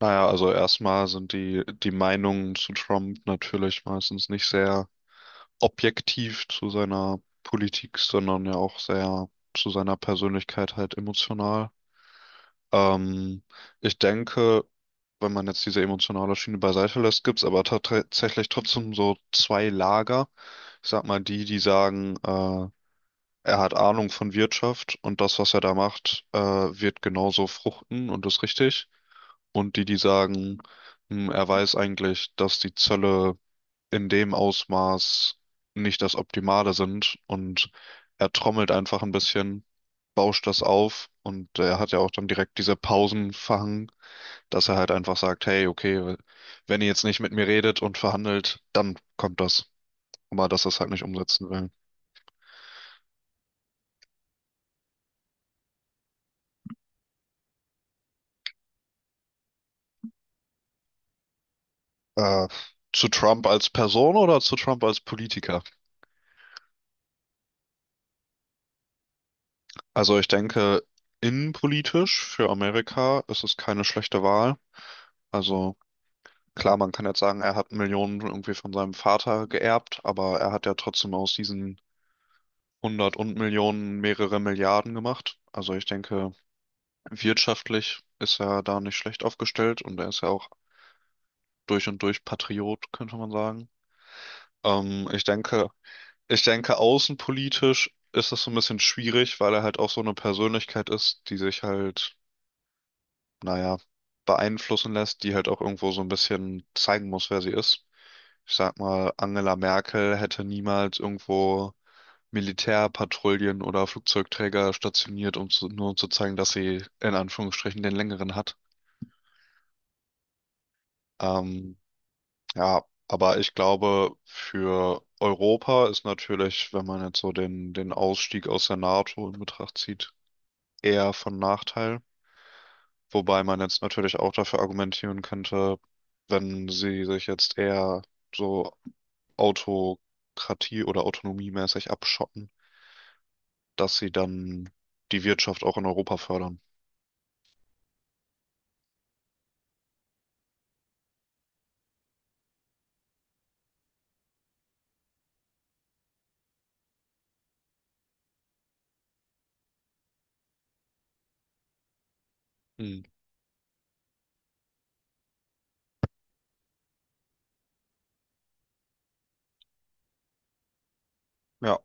Naja, also erstmal sind die Meinungen zu Trump natürlich meistens nicht sehr objektiv zu seiner Politik, sondern ja auch sehr zu seiner Persönlichkeit halt emotional. Ähm, Ich denke, wenn man jetzt diese emotionale Schiene beiseite lässt, gibt's aber tatsächlich trotzdem so zwei Lager. Ich sag mal, die sagen, er hat Ahnung von Wirtschaft und das, was er da macht, wird genauso fruchten und ist richtig. Und die sagen, er weiß eigentlich, dass die Zölle in dem Ausmaß nicht das Optimale sind und er trommelt einfach ein bisschen, bauscht das auf und er hat ja auch dann direkt diese Pausen verhangen, dass er halt einfach sagt: Hey, okay, wenn ihr jetzt nicht mit mir redet und verhandelt, dann kommt das. Aber dass er es halt nicht umsetzen will. Äh, zu Trump als Person oder zu Trump als Politiker? Also ich denke, innenpolitisch für Amerika ist es keine schlechte Wahl. Also klar, man kann jetzt sagen, er hat Millionen irgendwie von seinem Vater geerbt, aber er hat ja trotzdem aus diesen hundert und Millionen mehrere Milliarden gemacht. Also ich denke, wirtschaftlich ist er da nicht schlecht aufgestellt und er ist ja auch durch und durch Patriot, könnte man sagen. Ähm, ich denke, Ich denke, außenpolitisch ist das so ein bisschen schwierig, weil er halt auch so eine Persönlichkeit ist, die sich halt, naja, beeinflussen lässt, die halt auch irgendwo so ein bisschen zeigen muss, wer sie ist. Ich sag mal, Angela Merkel hätte niemals irgendwo Militärpatrouillen oder Flugzeugträger stationiert, nur um zu zeigen, dass sie in Anführungsstrichen den längeren hat. Ähm, ja, aber ich glaube, für Europa ist natürlich, wenn man jetzt so den Ausstieg aus der NATO in Betracht zieht, eher von Nachteil. Wobei man jetzt natürlich auch dafür argumentieren könnte, wenn sie sich jetzt eher so Autokratie oder autonomiemäßig abschotten, dass sie dann die Wirtschaft auch in Europa fördern. Hm. Ja.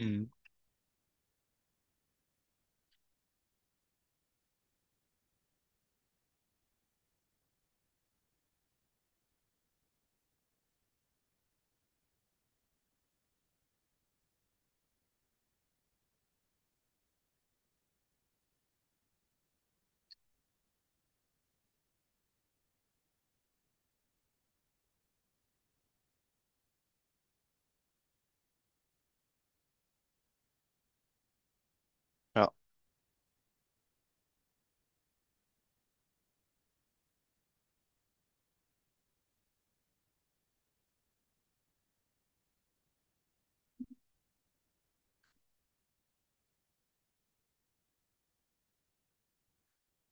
Hm. Ja.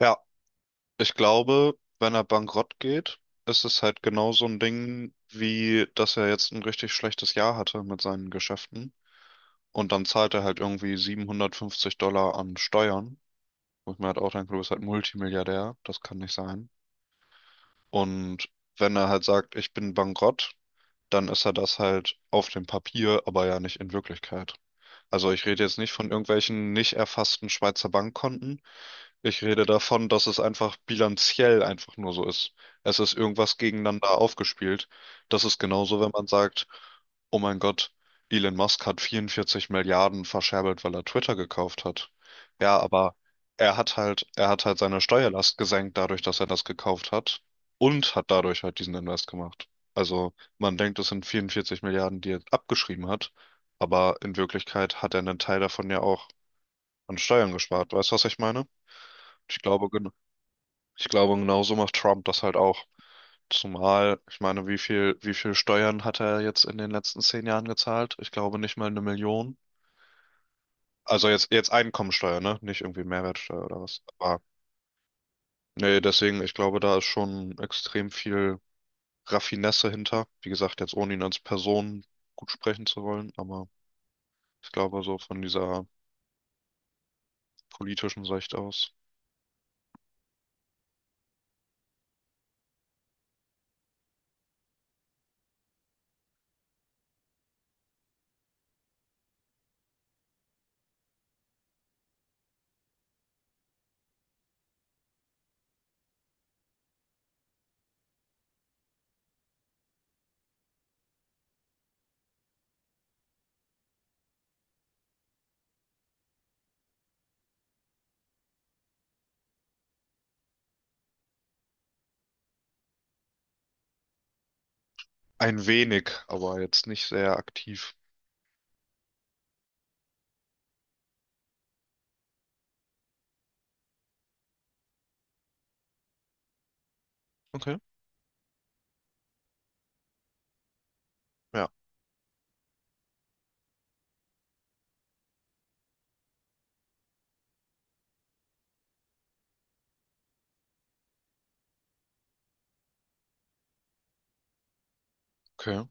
Ja. Ich glaube, wenn er bankrott geht, ist es halt genau so ein Ding, wie dass er jetzt ein richtig schlechtes Jahr hatte mit seinen Geschäften. Und dann zahlt er halt irgendwie $750 an Steuern. Wo ich mir halt auch denke, du bist halt Multimilliardär. Das kann nicht sein. Und wenn er halt sagt, ich bin bankrott, dann ist er das halt auf dem Papier, aber ja nicht in Wirklichkeit. Also ich rede jetzt nicht von irgendwelchen nicht erfassten Schweizer Bankkonten. Ich rede davon, dass es einfach bilanziell einfach nur so ist. Es ist irgendwas gegeneinander aufgespielt. Das ist genauso, wenn man sagt, oh mein Gott, Elon Musk hat 44 Milliarden verscherbelt, weil er Twitter gekauft hat. Ja, aber er hat halt seine Steuerlast gesenkt dadurch, dass er das gekauft hat und hat dadurch halt diesen Invest gemacht. Also man denkt, es sind 44 Milliarden, die er abgeschrieben hat, aber in Wirklichkeit hat er einen Teil davon ja auch an Steuern gespart. Weißt du, was ich meine? Ich glaube, gen- Ich glaube, genauso macht Trump das halt auch. Zumal, ich meine, wie viel Steuern hat er jetzt in den letzten 10 Jahren gezahlt? Ich glaube nicht mal eine Million. Also jetzt Einkommensteuer, ne? Nicht irgendwie Mehrwertsteuer oder was. Aber nee, deswegen, ich glaube, da ist schon extrem viel Raffinesse hinter. Wie gesagt, jetzt ohne ihn als Person gut sprechen zu wollen, aber ich glaube so von dieser politischen Sicht aus. Ein wenig, aber jetzt nicht sehr aktiv. Okay. Ja, okay.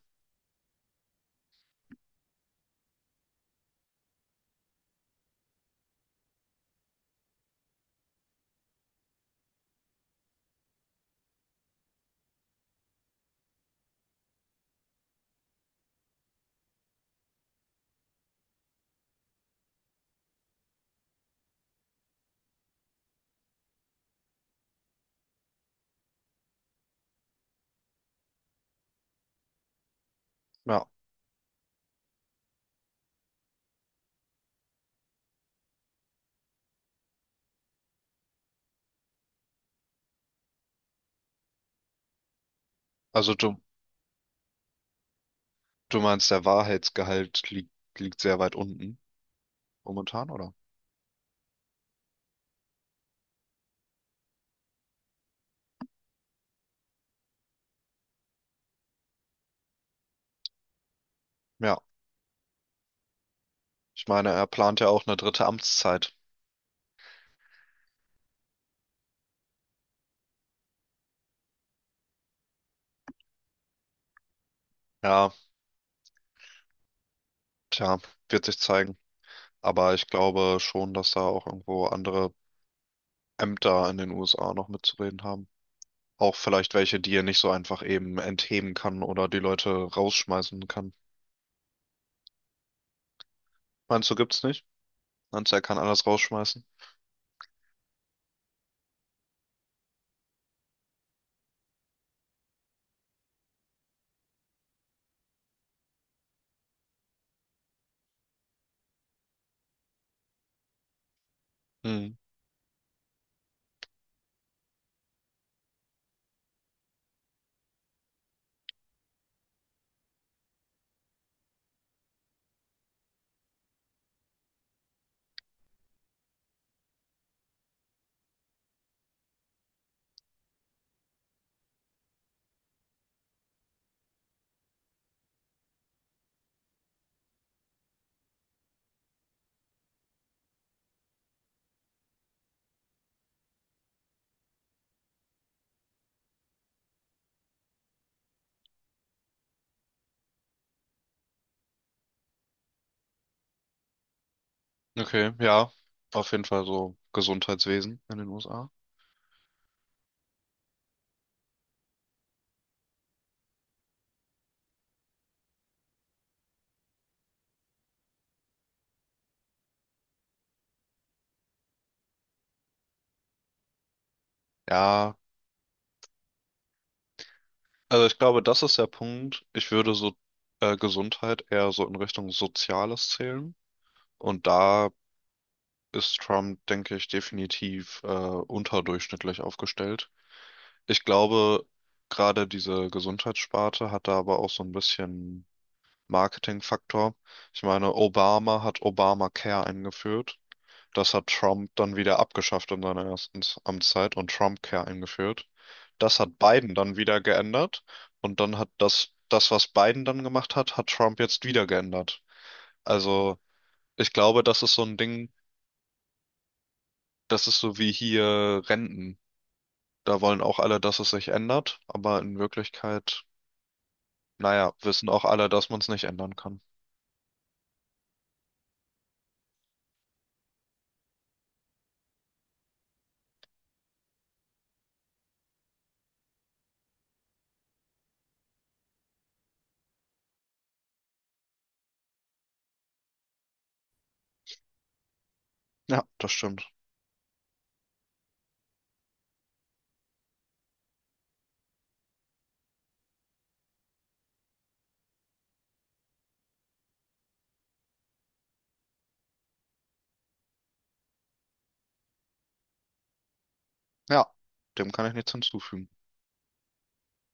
Ja. Also du, du meinst, liegt sehr weit unten momentan, oder? Ja. Ich meine, er plant ja auch eine dritte Amtszeit. Ja, tja, wird sich zeigen. Aber ich glaube schon, dass da auch irgendwo andere Ämter in den USA noch mitzureden haben. Auch vielleicht welche, die er nicht so einfach eben entheben kann oder die Leute rausschmeißen kann. Meinst du, gibt's nicht? Meinst du, er kann alles rausschmeißen? Hm. Okay, ja, auf jeden Fall so Gesundheitswesen in den USA. Ja, also ich glaube, das ist der Punkt. Ich würde so Gesundheit eher so in Richtung Soziales zählen. Und da ist Trump, denke ich, definitiv unterdurchschnittlich aufgestellt. Ich glaube, gerade diese Gesundheitssparte hat da aber auch so ein bisschen Marketingfaktor. Ich meine, Obama hat Obamacare eingeführt. Das hat Trump dann wieder abgeschafft in seiner ersten Amtszeit und Trumpcare eingeführt. Das hat Biden dann wieder geändert und dann hat das, was Biden dann gemacht hat, hat Trump jetzt wieder geändert. Also ich glaube, das ist so ein Ding, das ist so wie hier Renten. Da wollen auch alle, dass es sich ändert, aber in Wirklichkeit, naja, wissen auch alle, dass man es nicht ändern kann. Ja, das stimmt. Ja, dem kann ich nichts hinzufügen.